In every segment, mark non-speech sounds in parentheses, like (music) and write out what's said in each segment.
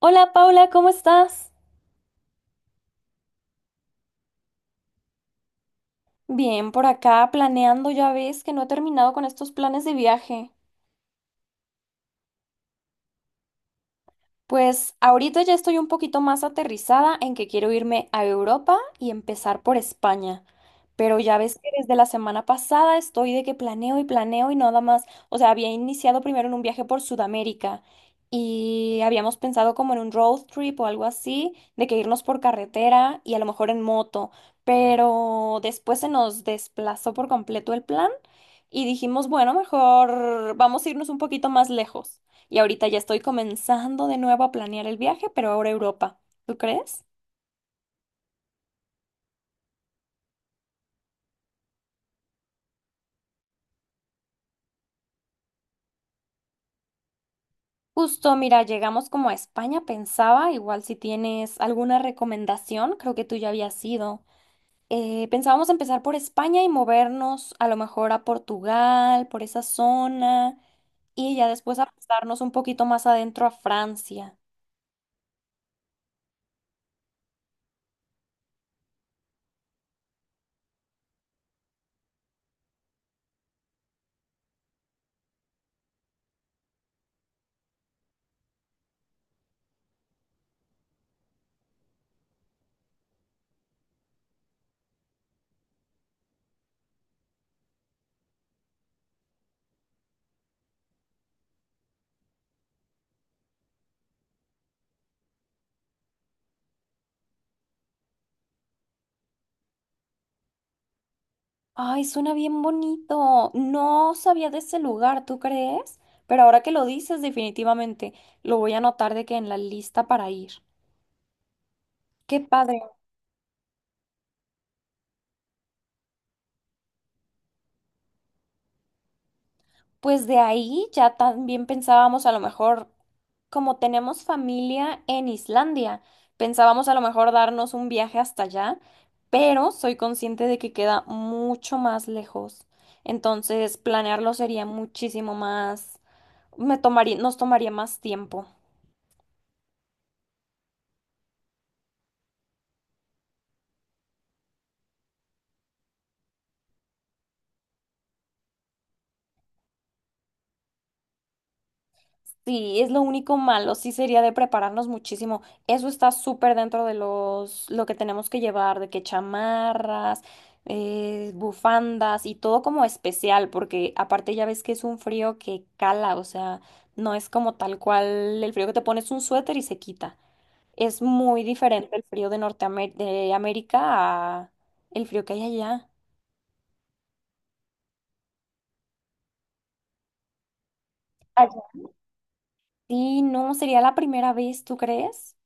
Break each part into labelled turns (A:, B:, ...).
A: Hola Paula, ¿cómo estás? Bien, por acá planeando, ya ves que no he terminado con estos planes de viaje. Pues ahorita ya estoy un poquito más aterrizada en que quiero irme a Europa y empezar por España. Pero ya ves que desde la semana pasada estoy de que planeo y planeo y nada más. O sea, había iniciado primero en un viaje por Sudamérica y habíamos pensado como en un road trip o algo así, de que irnos por carretera y a lo mejor en moto. Pero después se nos desplazó por completo el plan y dijimos, bueno, mejor vamos a irnos un poquito más lejos. Y ahorita ya estoy comenzando de nuevo a planear el viaje, pero ahora a Europa. ¿Tú crees? Justo, mira, llegamos como a España, pensaba, igual si tienes alguna recomendación, creo que tú ya habías ido. Pensábamos empezar por España y movernos a lo mejor a Portugal, por esa zona, y ya después a pasarnos un poquito más adentro a Francia. Ay, suena bien bonito. No sabía de ese lugar, ¿tú crees? Pero ahora que lo dices, definitivamente lo voy a anotar de que en la lista para ir. Qué padre. Pues de ahí ya también pensábamos a lo mejor, como tenemos familia en Islandia, pensábamos a lo mejor darnos un viaje hasta allá, pero soy consciente de que queda mucho más lejos. Entonces, planearlo sería muchísimo más, me tomaría, nos tomaría más tiempo. Sí, es lo único malo, sí sería de prepararnos muchísimo. Eso está súper dentro de los, lo que tenemos que llevar, de que chamarras, bufandas y todo como especial, porque aparte ya ves que es un frío que cala, o sea, no es como tal cual el frío que te pones un suéter y se quita. Es muy diferente el frío de Norteamérica, de América a el frío que hay allá. Allá. Sí, no, sería la primera vez, ¿tú crees?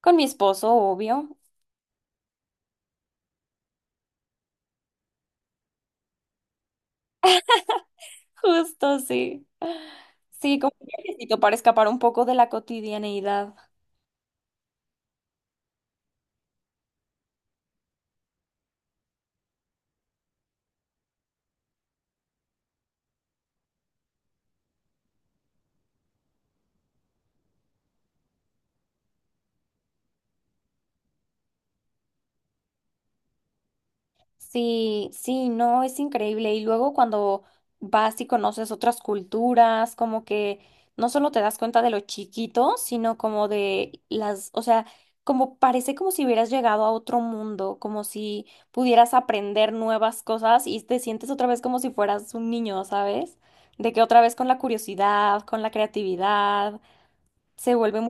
A: Con mi esposo, obvio. Justo, sí. Sí, como un viajecito para escapar un poco de la cotidianeidad. Sí, sí, no, es increíble. Y luego cuando vas y conoces otras culturas, como que no solo te das cuenta de lo chiquito, sino como de las, o sea, como parece como si hubieras llegado a otro mundo, como si pudieras aprender nuevas cosas y te sientes otra vez como si fueras un niño, ¿sabes? De que otra vez con la curiosidad, con la creatividad, se vuelve muy...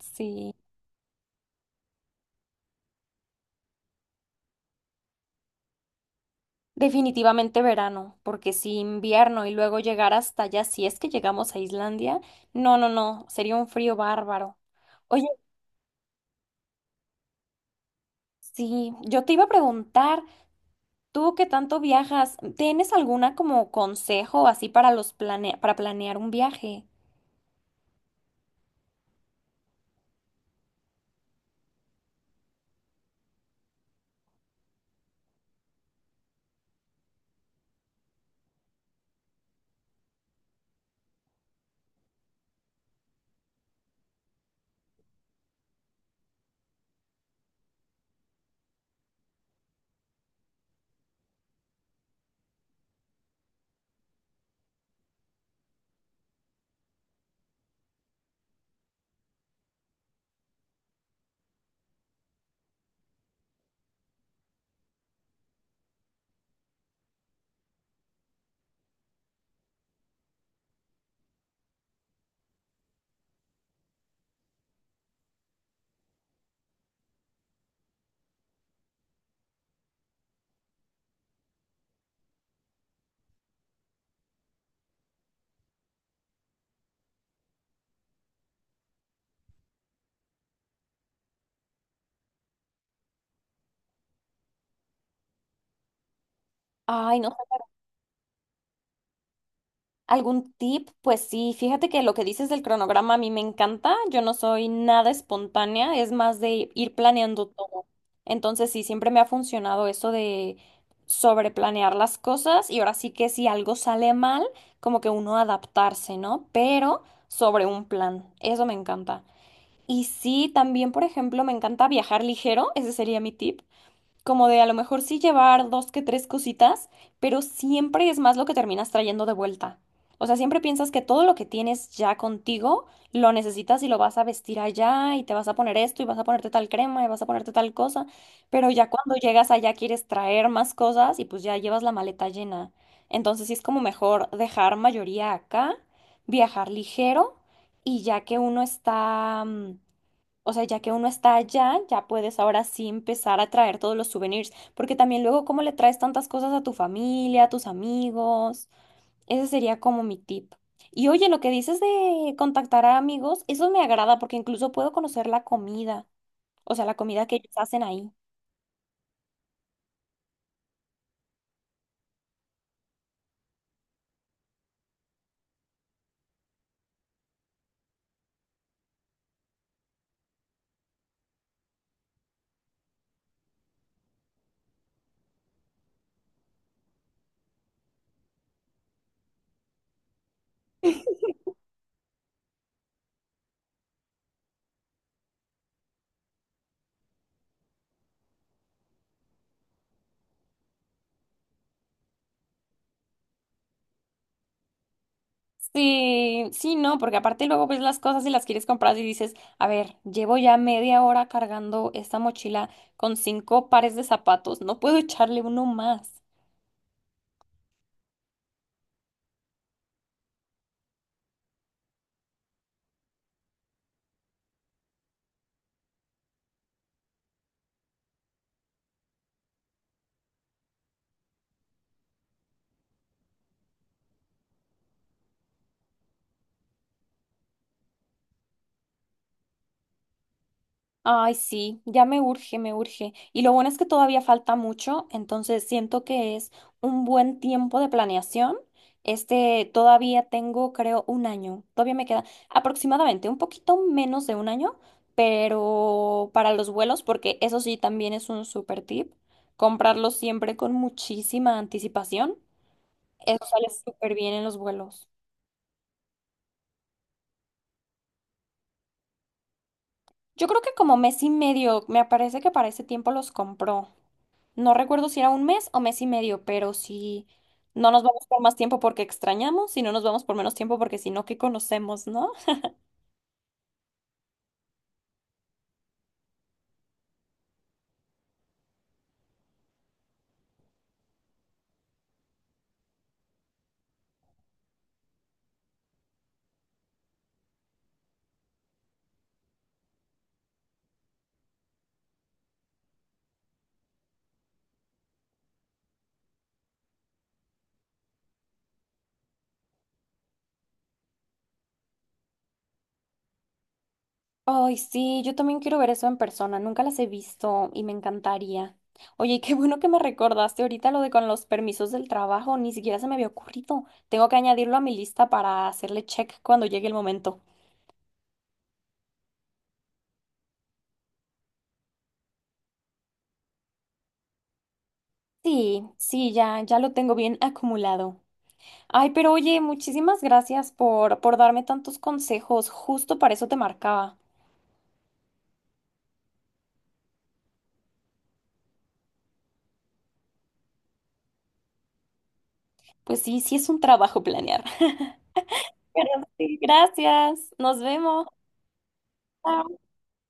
A: Sí. Definitivamente verano, porque si invierno y luego llegar hasta allá, si es que llegamos a Islandia, no, no, no, sería un frío bárbaro. Oye, sí, yo te iba a preguntar, tú que tanto viajas, ¿tienes alguna como consejo así para los plane para planear un viaje? Ay, no ¿Algún tip? Pues sí, fíjate que lo que dices del cronograma a mí me encanta. Yo no soy nada espontánea, es más de ir planeando todo. Entonces sí, siempre me ha funcionado eso de sobreplanear las cosas y ahora sí que si algo sale mal, como que uno adaptarse, ¿no? Pero sobre un plan, eso me encanta. Y sí, también, por ejemplo, me encanta viajar ligero, ese sería mi tip como de a lo mejor sí llevar dos que tres cositas, pero siempre es más lo que terminas trayendo de vuelta. O sea, siempre piensas que todo lo que tienes ya contigo lo necesitas y lo vas a vestir allá y te vas a poner esto y vas a ponerte tal crema y vas a ponerte tal cosa, pero ya cuando llegas allá quieres traer más cosas y pues ya llevas la maleta llena. Entonces sí es como mejor dejar mayoría acá, viajar ligero y ya que uno está... o sea, ya que uno está allá, ya puedes ahora sí empezar a traer todos los souvenirs, porque también luego cómo le traes tantas cosas a tu familia, a tus amigos. Ese sería como mi tip. Y oye, lo que dices de contactar a amigos, eso me agrada porque incluso puedo conocer la comida, o sea, la comida que ellos hacen ahí. Sí, sí, no, porque aparte luego ves las cosas y las quieres comprar y dices, a ver, llevo ya media hora cargando esta mochila con 5 pares de zapatos, no puedo echarle uno más. Ay, sí, ya me urge, me urge. Y lo bueno es que todavía falta mucho, entonces siento que es un buen tiempo de planeación. Todavía tengo, creo, un año. Todavía me queda aproximadamente un poquito menos de un año, pero para los vuelos, porque eso sí también es un super tip, comprarlos siempre con muchísima anticipación. Eso sale súper bien en los vuelos. Yo creo que como mes y medio, me parece que para ese tiempo los compró. No recuerdo si era un mes o mes y medio, pero sí, no nos vamos por más tiempo porque extrañamos y no nos vamos por menos tiempo porque si no, ¿qué conocemos, no? Ay, sí, yo también quiero ver eso en persona, nunca las he visto y me encantaría. Oye, y qué bueno que me recordaste ahorita lo de con los permisos del trabajo, ni siquiera se me había ocurrido. Tengo que añadirlo a mi lista para hacerle check cuando llegue el momento. Sí, sí, ya, ya lo tengo bien acumulado. Ay, pero oye, muchísimas gracias por darme tantos consejos, justo para eso te marcaba. Pues sí, sí es un trabajo planear. (laughs) Pero sí, gracias. Nos vemos. Chao.